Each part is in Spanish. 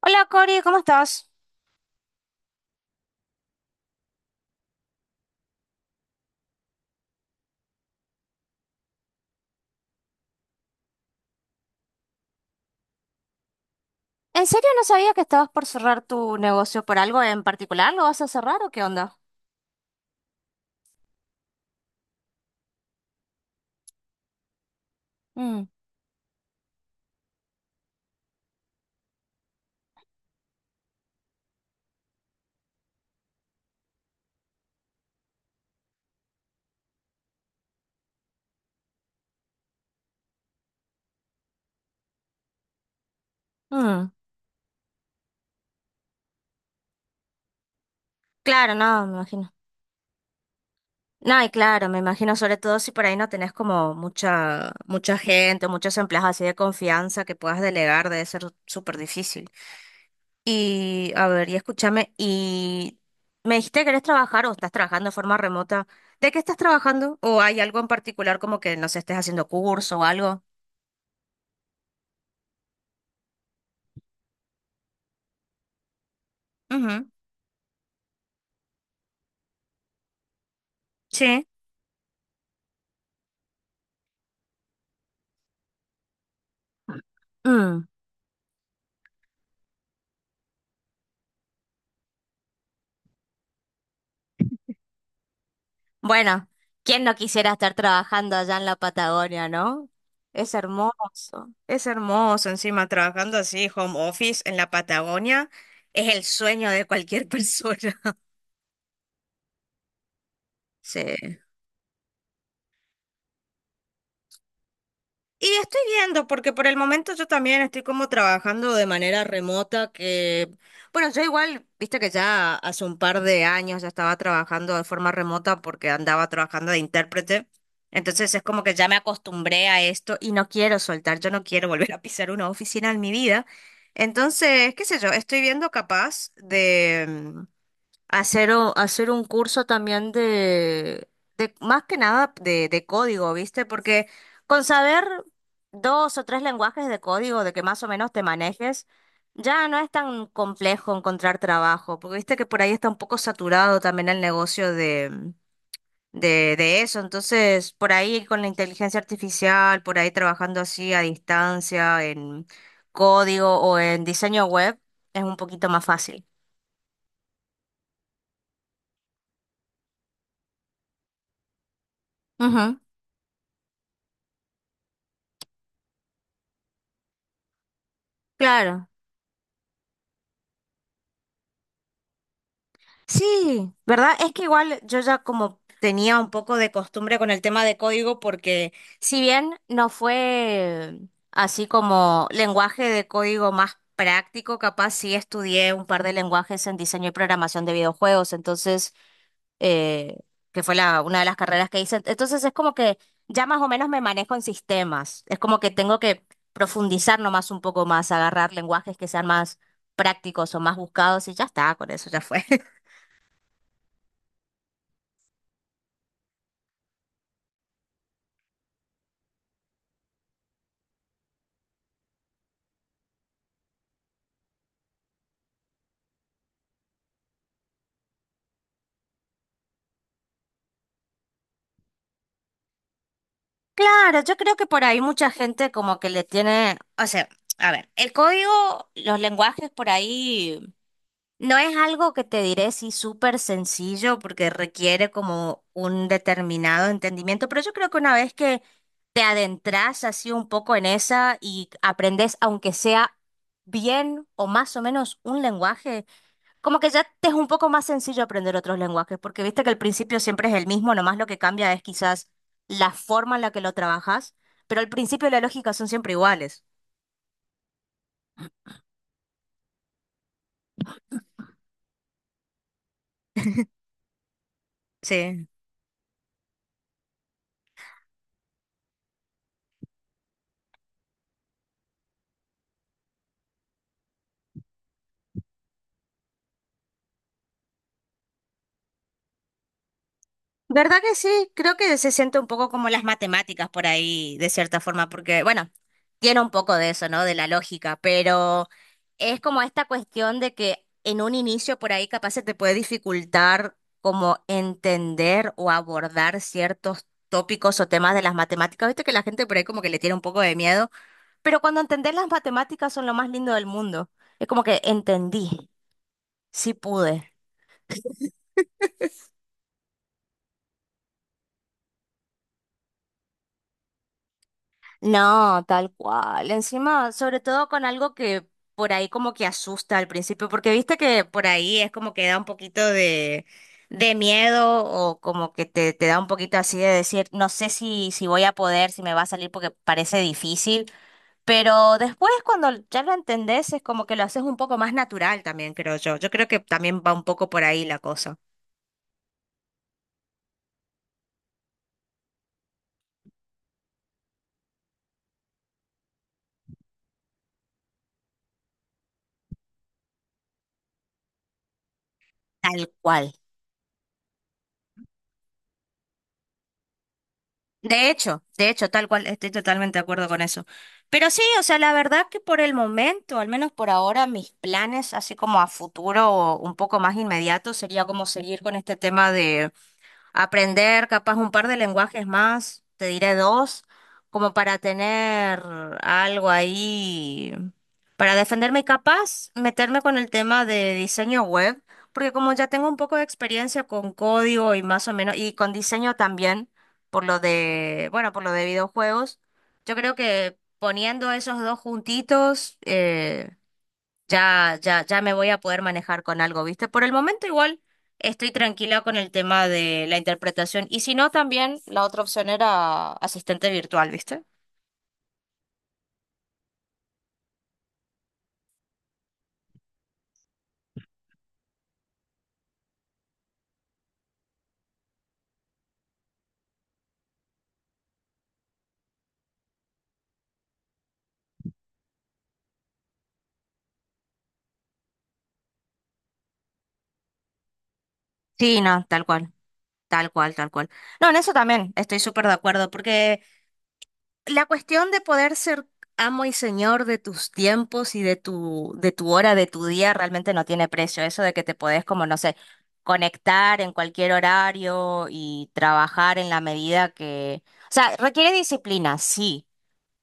Hola Cori, ¿cómo estás? ¿En serio no sabía que estabas por cerrar tu negocio por algo en particular? ¿Lo vas a cerrar o qué onda? Mm, mm. Claro, no, me imagino. No, y claro, me imagino sobre todo si por ahí no tenés como mucha, mucha gente, muchos empleados así de confianza que puedas delegar, debe ser súper difícil. Y a ver, y escúchame, y me dijiste que querés trabajar o estás trabajando de forma remota. ¿De qué estás trabajando? ¿O hay algo en particular como que no sé, estés haciendo curso o algo? Ujú. Sí. Mm. Bueno, ¿quién no quisiera estar trabajando allá en la Patagonia, no? Es hermoso, es hermoso. Encima, trabajando así, home office en la Patagonia, es el sueño de cualquier persona. Sí. Y estoy viendo, porque por el momento yo también estoy como trabajando de manera remota, que, bueno, yo igual, viste que ya hace un par de años ya estaba trabajando de forma remota porque andaba trabajando de intérprete. Entonces es como que ya me acostumbré a esto y no quiero soltar, yo no quiero volver a pisar una oficina en mi vida. Entonces, qué sé yo, estoy viendo capaz de hacer, hacer un curso también de más que nada de código, ¿viste? Porque con saber dos o tres lenguajes de código, de que más o menos te manejes, ya no es tan complejo encontrar trabajo, porque viste que por ahí está un poco saturado también el negocio de eso. Entonces, por ahí con la inteligencia artificial, por ahí trabajando así a distancia en código o en diseño web, es un poquito más fácil. Ujú, claro. Sí, ¿verdad? Es que igual yo ya como tenía un poco de costumbre con el tema de código porque si bien no fue así como lenguaje de código más práctico, capaz sí estudié un par de lenguajes en diseño y programación de videojuegos, entonces, eh, que fue una de las carreras que hice. Entonces es como que ya más o menos me manejo en sistemas, es como que tengo que profundizar nomás un poco más, agarrar lenguajes que sean más prácticos o más buscados y ya está, con eso ya fue. Claro, yo creo que por ahí mucha gente como que le tiene, o sea, a ver, el código, los lenguajes por ahí no es algo que te diré sí súper sencillo porque requiere como un determinado entendimiento, pero yo creo que una vez que te adentras así un poco en esa y aprendes aunque sea bien o más o menos un lenguaje, como que ya te es un poco más sencillo aprender otros lenguajes, porque viste que el principio siempre es el mismo, nomás lo que cambia es quizás la forma en la que lo trabajas, pero al principio la lógica son siempre iguales. Sí. ¿Verdad que sí? Creo que se siente un poco como las matemáticas por ahí, de cierta forma, porque, bueno, tiene un poco de eso, ¿no? De la lógica, pero es como esta cuestión de que en un inicio por ahí capaz se te puede dificultar como entender o abordar ciertos tópicos o temas de las matemáticas. Viste que la gente por ahí como que le tiene un poco de miedo, pero cuando entendés las matemáticas son lo más lindo del mundo. Es como que entendí, sí pude. No, tal cual. Encima, sobre todo con algo que por ahí como que asusta al principio, porque viste que por ahí es como que da un poquito de miedo o como que te da un poquito así de decir, no sé si, si voy a poder, si me va a salir porque parece difícil, pero después cuando ya lo entendés es como que lo haces un poco más natural también, creo yo. Yo creo que también va un poco por ahí la cosa. Tal cual. De hecho, tal cual, estoy totalmente de acuerdo con eso. Pero sí, o sea, la verdad que por el momento, al menos por ahora, mis planes, así como a futuro o un poco más inmediato, sería como seguir con este tema aprender capaz un par de lenguajes más, te diré dos, como para tener algo ahí, para defenderme y capaz meterme con el tema de diseño web, porque como ya tengo un poco de experiencia con código y más o menos, y con diseño también, por lo de, bueno, por lo de videojuegos, yo creo que poniendo esos dos juntitos, ya, ya, ya me voy a poder manejar con algo, ¿viste? Por el momento igual estoy tranquila con el tema de la interpretación y si no, también la otra opción era asistente virtual, ¿viste? Sí, no, tal cual, tal cual, tal cual. No, en eso también estoy súper de acuerdo, porque la cuestión de poder ser amo y señor de tus tiempos y de tu hora, de tu día, realmente no tiene precio. Eso de que te podés, como no sé, conectar en cualquier horario y trabajar en la medida que. O sea, requiere disciplina, sí,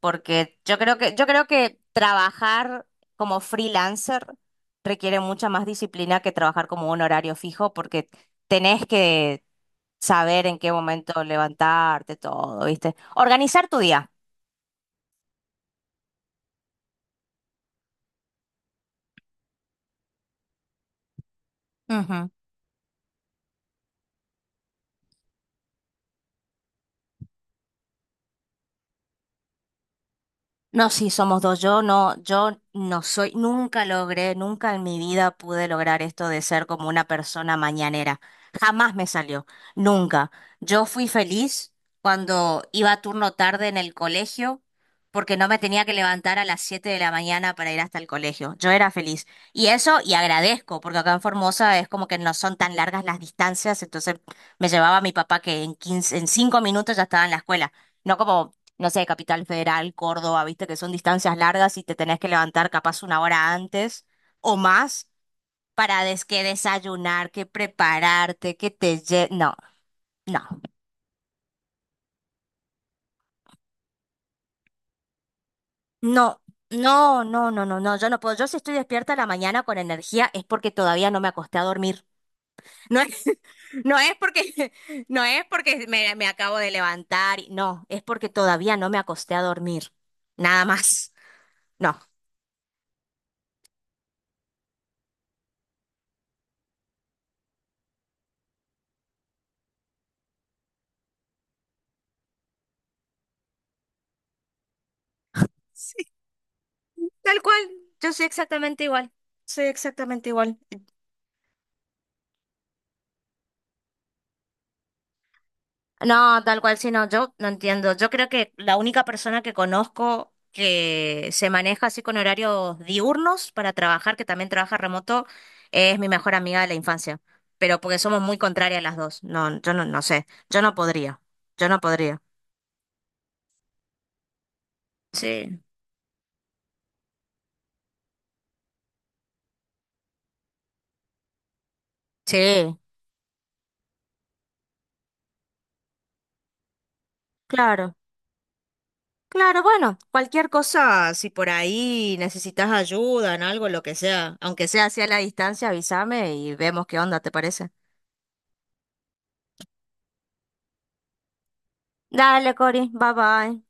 porque yo creo que trabajar como freelancer requiere mucha más disciplina que trabajar como un horario fijo, porque tenés que saber en qué momento levantarte, todo, ¿viste? Organizar tu día. Ajá. No, sí, somos dos. Yo no soy, nunca logré, nunca en mi vida pude lograr esto de ser como una persona mañanera. Jamás me salió, nunca. Yo fui feliz cuando iba a turno tarde en el colegio porque no me tenía que levantar a las 7 de la mañana para ir hasta el colegio. Yo era feliz. Y eso, y agradezco, porque acá en Formosa es como que no son tan largas las distancias, entonces me llevaba a mi papá que en 5 minutos ya estaba en la escuela. No como no sé, Capital Federal, Córdoba, viste que son distancias largas y te tenés que levantar capaz 1 hora antes o más para des que desayunar, que prepararte, No, no, no. No, no, no, no, no, yo no puedo. Yo si estoy despierta a la mañana con energía es porque todavía no me acosté a dormir. No es, no es porque, no es porque me acabo de levantar, no, es porque todavía no me acosté a dormir. Nada más. No. Tal cual, yo soy exactamente igual, soy exactamente igual. No, tal cual, sí, no, yo no entiendo. Yo creo que la única persona que conozco que se maneja así con horarios diurnos para trabajar, que también trabaja remoto, es mi mejor amiga de la infancia. Pero porque somos muy contrarias las dos. No, yo no, no sé, yo no podría, yo no podría. Sí. Sí, claro. Claro, bueno, cualquier cosa, si por ahí necesitas ayuda en algo, lo que sea, aunque sea hacia la distancia, avísame y vemos qué onda, ¿te parece? Dale, Cori, bye bye.